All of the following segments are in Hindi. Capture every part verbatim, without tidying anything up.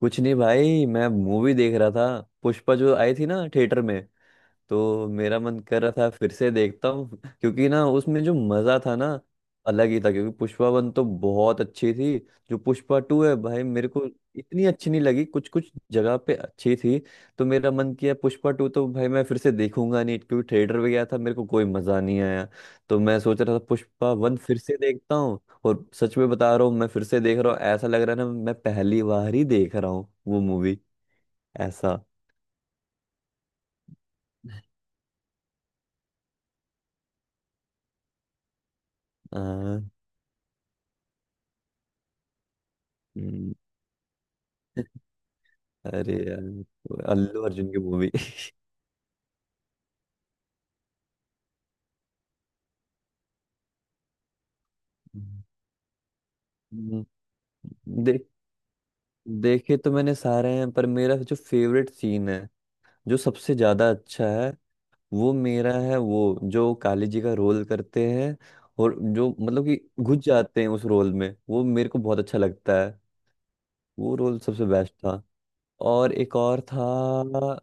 कुछ नहीं भाई मैं मूवी देख रहा था। पुष्पा जो आई थी ना थिएटर में, तो मेरा मन कर रहा था फिर से देखता हूँ क्योंकि ना उसमें जो मजा था ना अलग ही था। क्योंकि पुष्पा वन तो बहुत अच्छी थी। जो पुष्पा टू है भाई मेरे को इतनी अच्छी नहीं लगी। कुछ कुछ जगह पे अच्छी थी। तो मेरा मन किया पुष्पा टू तो भाई मैं फिर से देखूंगा नहीं, क्योंकि थिएटर में गया था मेरे को कोई मजा नहीं आया। तो मैं सोच रहा था पुष्पा वन फिर से देखता हूँ। और सच में बता रहा हूँ मैं फिर से देख रहा हूँ, ऐसा लग रहा है ना मैं पहली बार ही देख रहा हूँ वो मूवी। ऐसा। हाँ। अरे यार अल्लू अर्जुन की मूवी। हम्म। देख देखे तो मैंने सारे हैं, पर मेरा जो फेवरेट सीन है, जो सबसे ज्यादा अच्छा है वो मेरा है। वो जो काली जी का रोल करते हैं और जो मतलब कि घुस जाते हैं उस रोल में, वो मेरे को बहुत अच्छा लगता है। वो रोल सबसे बेस्ट था। और एक और था।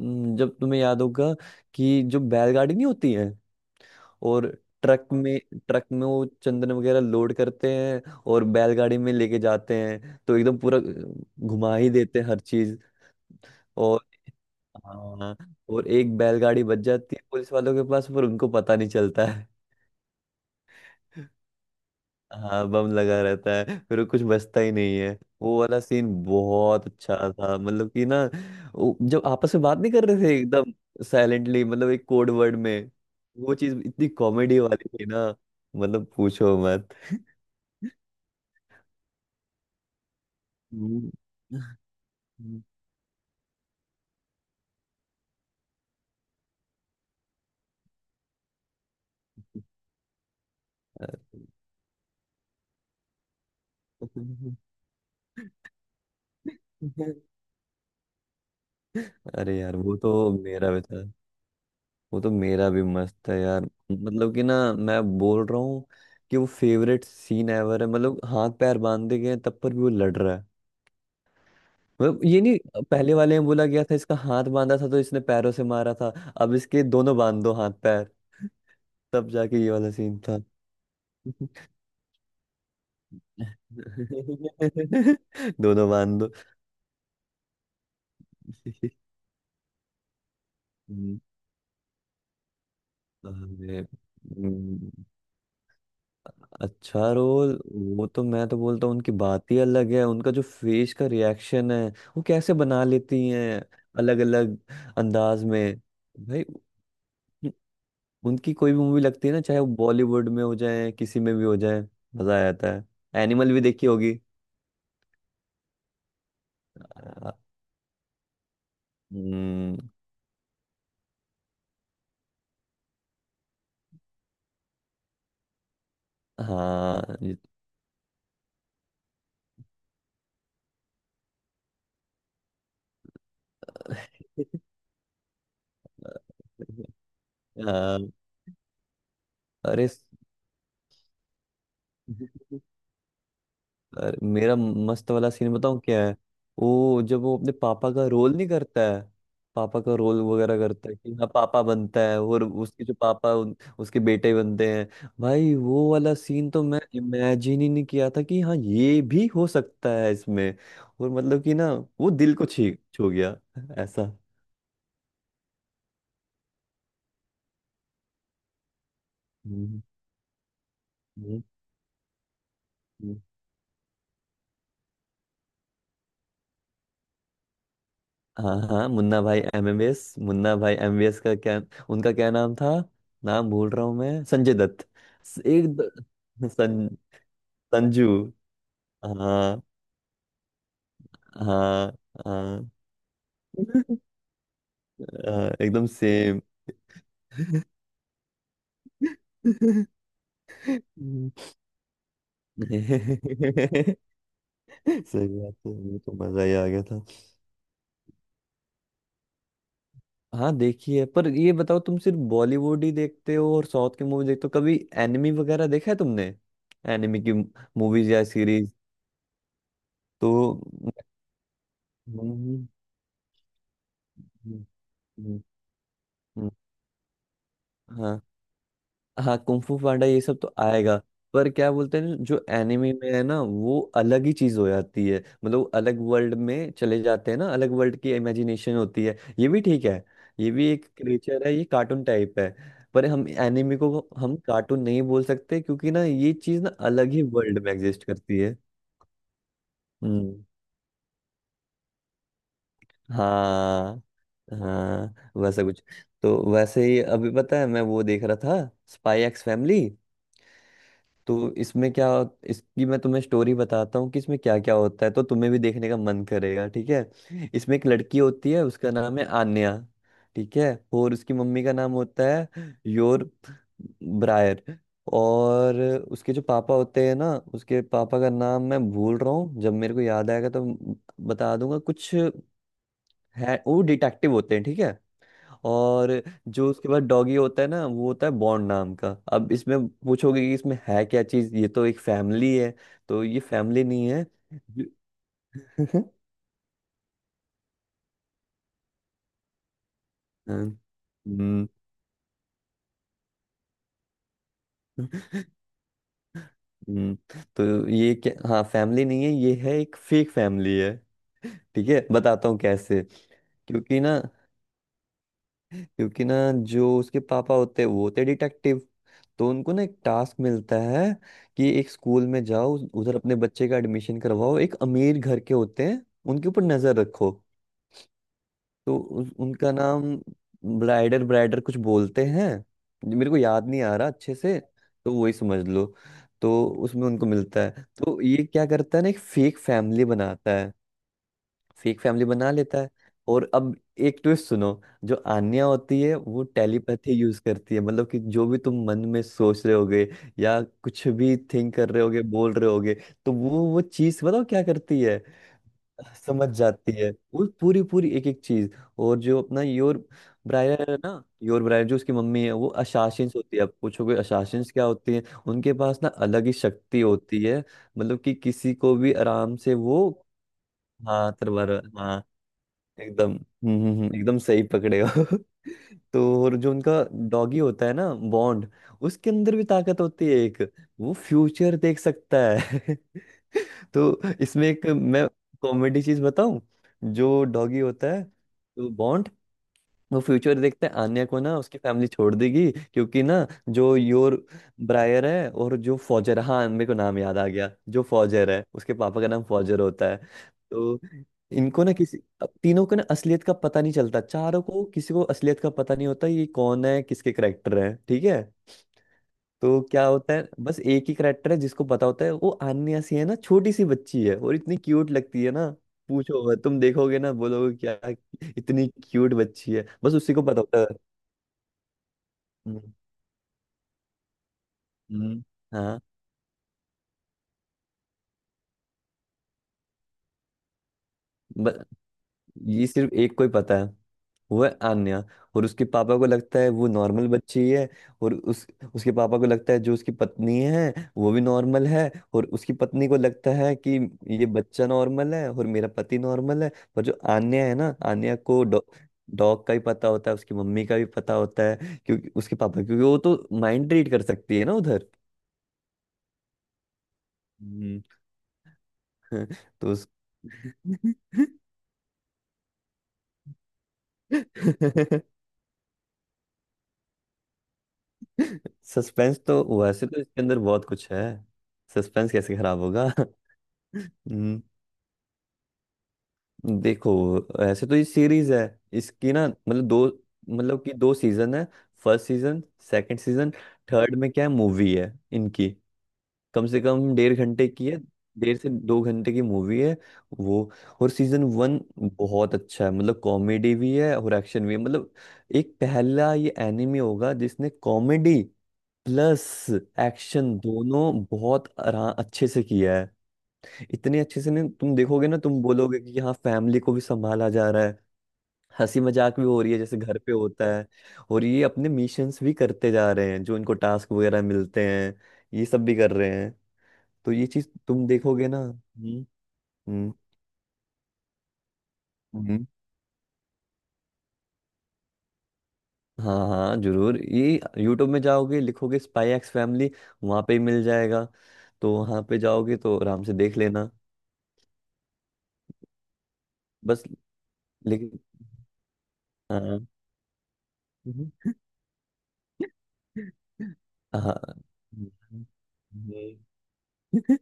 हम्म, जब तुम्हें याद होगा कि जो बैलगाड़ी नहीं होती है, और ट्रक में ट्रक में वो चंदन वगैरह लोड करते हैं और बैलगाड़ी में लेके जाते हैं, तो एकदम पूरा घुमा ही देते हैं हर चीज। और हाँ। और एक बैलगाड़ी बच जाती है पुलिस वालों के पास, पर उनको पता नहीं चलता है। हाँ, बम लगा रहता है फिर कुछ बचता ही नहीं है। वो वाला सीन बहुत अच्छा था, मतलब कि ना वो जब आपस में बात नहीं कर रहे थे एकदम साइलेंटली, मतलब एक कोड वर्ड में। वो चीज इतनी कॉमेडी वाली थी ना, मतलब पूछो मत। हम्म। अरे यार वो तो मेरा भी था। वो तो मेरा भी मस्त है यार। मतलब कि ना मैं बोल रहा हूँ कि वो फेवरेट सीन एवर है। मतलब हाथ पैर बांधे गए हैं, तब पर भी वो लड़ रहा है। मतलब ये नहीं, पहले वाले में बोला गया था इसका हाथ बांधा था तो इसने पैरों से मारा था। अब इसके दोनों बांध दो, हाथ पैर। तब जाके ये वाला सीन था। दोनों बांध दो। हम्म, अरे हम्म, अच्छा रोल। वो तो मैं तो बोलता हूँ उनकी बात ही अलग है। उनका जो फेस का रिएक्शन है, वो कैसे बना लेती हैं अलग अलग अंदाज में। भाई उन- उनकी कोई भी मूवी लगती है ना, चाहे वो बॉलीवुड में हो जाए किसी में भी हो जाए, मजा आ जाता है। एनिमल भी देखी होगी। अ, हम्म, हाँ ये- हाँ। अरे अरे मेरा मस्त वाला सीन बताऊं क्या है। वो जब वो अपने पापा का रोल नहीं करता है, पापा का रोल वगैरह करता है, कि हाँ पापा बनता है और उसके जो पापा उन, उसके बेटे बनते हैं। भाई वो वाला सीन तो मैं इमेजिन ही नहीं किया था कि हाँ ये भी हो सकता है इसमें। और मतलब कि ना वो दिल को छी छू गया। ऐसा। हम्म हम्म। हाँ हाँ मुन्ना भाई M B B S. Munna भाई एमबीबीएस का क्या उनका क्या नाम था। नाम भूल रहा हूँ मैं, संजय दत्त। स- एक द- सं, संजू। हाँ हाँ हाँ हाँ, एकदम सेम। सही बात है, मुझे तो मजा ही आ गया था। हाँ देखिए, पर ये बताओ तुम सिर्फ बॉलीवुड ही देखते हो और साउथ की मूवी देखते हो कभी। एनिमी वगैरह देखा है तुमने। एनिमी की मूवीज या सीरीज। तो हम्म, हम्म, हम्म, हम्म, हाँ हाँ कुंग फू पांडा ये सब तो आएगा। पर क्या बोलते हैं जो एनिमे में है ना वो अलग ही चीज हो जाती है। मतलब वो अलग वर्ल्ड में चले जाते हैं ना, अलग वर्ल्ड की इमेजिनेशन होती है, ये भी ठीक है। ये भी एक क्रिएचर है, ये कार्टून टाइप है। पर हम एनिमे को हम कार्टून नहीं बोल सकते, क्योंकि ना ये चीज ना अलग ही वर्ल्ड में एग्जिस्ट करती है। हम्म। हाँ हाँ वैसा कुछ। तो वैसे ही अभी पता है मैं वो देख रहा था, स्पाई एक्स फैमिली। तो इसमें क्या, इसकी मैं तुम्हें स्टोरी बताता हूँ कि इसमें क्या क्या होता है तो तुम्हें भी देखने का मन करेगा। ठीक है, इसमें एक लड़की होती है उसका नाम है आन्या। ठीक है, और उसकी मम्मी का नाम होता है योर ब्रायर। और उसके जो पापा होते हैं ना, उसके पापा का नाम मैं भूल रहा हूँ, जब मेरे को याद आएगा तो बता दूंगा। कुछ है, वो डिटेक्टिव होते हैं, ठीक है। और जो उसके बाद डॉगी होता है ना, वो होता है बॉन्ड नाम का। अब इसमें पूछोगे कि इसमें है क्या चीज, ये तो एक फैमिली है, तो ये फैमिली नहीं है। हाँ, हम्म, हम्म, तो ये क्या, हाँ फैमिली नहीं है, ये है एक फेक फैमिली है। ठीक है, बताता हूँ कैसे। क्योंकि ना क्योंकि ना जो उसके पापा होते हैं वो होते डिटेक्टिव। तो उनको ना एक टास्क मिलता है कि एक स्कूल में जाओ, उस- उधर अपने बच्चे का एडमिशन करवाओ, एक अमीर घर के होते हैं, उनके ऊपर नजर रखो। तो उस- उनका नाम ब्राइडर ब्राइडर कुछ बोलते हैं, जो मेरे को याद नहीं आ रहा अच्छे से। तो वही समझ लो। तो उसमें उनको मिलता है, तो ये क्या करता है ना, एक फेक फैमिली बनाता है। फेक फैमिली बना लेता है। और अब एक ट्विस्ट सुनो, जो आन्या होती है वो टेलीपैथी यूज करती है। मतलब कि जो भी तुम मन में सोच रहे होगे या कुछ भी थिंक कर रहे होगे, बोल रहे होगे, तो वो वो चीज बताओ क्या करती है। समझ जाती है वो पूरी पूरी एक एक चीज। और जो अपना योर ब्रायर है ना, योर ब्रायर जो उसकी मम्मी है, वो अशासिंस होती है। आप पूछोगे अशासिंस क्या होती है, उनके पास ना अलग ही शक्ति होती है। मतलब कि किसी को भी आराम से वो। हाँ तलवार। हाँ। एकदम हम्म हम्म, हम्म, एकदम सही पकड़े हो। तो और जो उनका डॉगी होता है ना बॉन्ड, उसके अंदर भी ताकत होती है एक, वो फ्यूचर देख सकता है। तो इसमें एक मैं कॉमेडी चीज बताऊं। जो डॉगी होता है तो बॉन्ड, वो फ्यूचर देखते हैं आन्या को ना उसकी फैमिली छोड़ देगी, क्योंकि ना जो योर ब्रायर है और जो फॉजर, हाँ मेरे को नाम याद आ गया, जो फॉजर है, उसके पापा का नाम फॉजर होता है। तो इनको ना किसी, अब तीनों को ना असलियत का पता नहीं चलता, चारों को, किसी को असलियत का पता नहीं होता ये कौन है, किसके करेक्टर है, ठीक है। तो क्या होता है, बस एक ही करेक्टर है जिसको पता होता है, वो आन्या सी है ना, छोटी सी बच्ची है, और इतनी क्यूट लगती है ना, पूछो मत, तुम देखोगे ना बोलोगे क्या इतनी क्यूट बच्ची है, बस उसी को पता होता है। हम्म, हम्म, हाँ। ब- ये सिर्फ एक को ही पता है, वो है आन्या। और उसके पापा को लगता है वो नॉर्मल बच्ची ही है। और उस उसके पापा को लगता है जो उसकी पत्नी है वो भी नॉर्मल है, और उसकी पत्नी को लगता है कि ये बच्चा नॉर्मल है और मेरा पति नॉर्मल है। पर जो आन्या है ना, आन्या को डॉ- डॉग का भी पता होता है, उसकी मम्मी का भी पता होता है, क्योंकि उसके पापा, क्योंकि वो तो माइंड रीड कर सकती है ना उधर। हम्म, तो उस... सस्पेंस तो वैसे तो इसके अंदर बहुत कुछ है, सस्पेंस कैसे खराब होगा। हम्म, देखो ऐसे तो ये सीरीज है। इसकी ना मतलब दो मतलब कि दो सीजन है। First season, second season, third में क्या है, मूवी है इनकी। कम से कम डेढ़ घंटे की है, डेढ़ से दो घंटे की मूवी है वो। और सीजन वन बहुत अच्छा है, मतलब कॉमेडी भी है और एक्शन भी है। मतलब एक पहला ये एनिमे होगा जिसने कॉमेडी प्लस एक्शन दोनों बहुत आरा- अच्छे से किया। इतने अच्छे से ना तुम देखोगे ना तुम बोलोगे कि हाँ फैमिली को भी संभाला जा रहा है, हंसी मजाक भी हो रही है जैसे घर पे होता है, और ये अपने मिशंस भी करते जा रहे हैं, जो इनको टास्क वगैरह मिलते हैं, ये सब भी कर रहे हैं। तो ये चीज तुम देखोगे ना। हम्म हम्म हम्म। हाँ हाँ जरूर, ये यूट्यूब में जाओगे, लिखोगे स्पाई एक्स फैमिली, वहां पे ही मिल जाएगा। तो वहां पे जाओगे तो आराम से देख लेना। बस। लेकिन हाँ। हम्म। हाँ। हम्म। हम्म।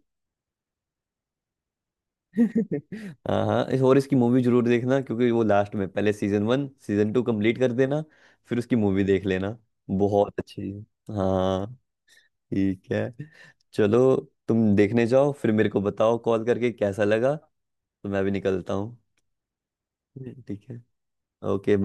हाँ हाँ इस और इसकी मूवी जरूर देखना, क्योंकि वो लास्ट में, पहले season one season two complete कर देना, फिर उसकी मूवी देख लेना, बहुत अच्छी है। हाँ ठीक है। चलो तुम देखने जाओ फिर मेरे को बताओ कॉल करके कैसा लगा। तो मैं भी निकलता हूँ। ठीक है। ओके।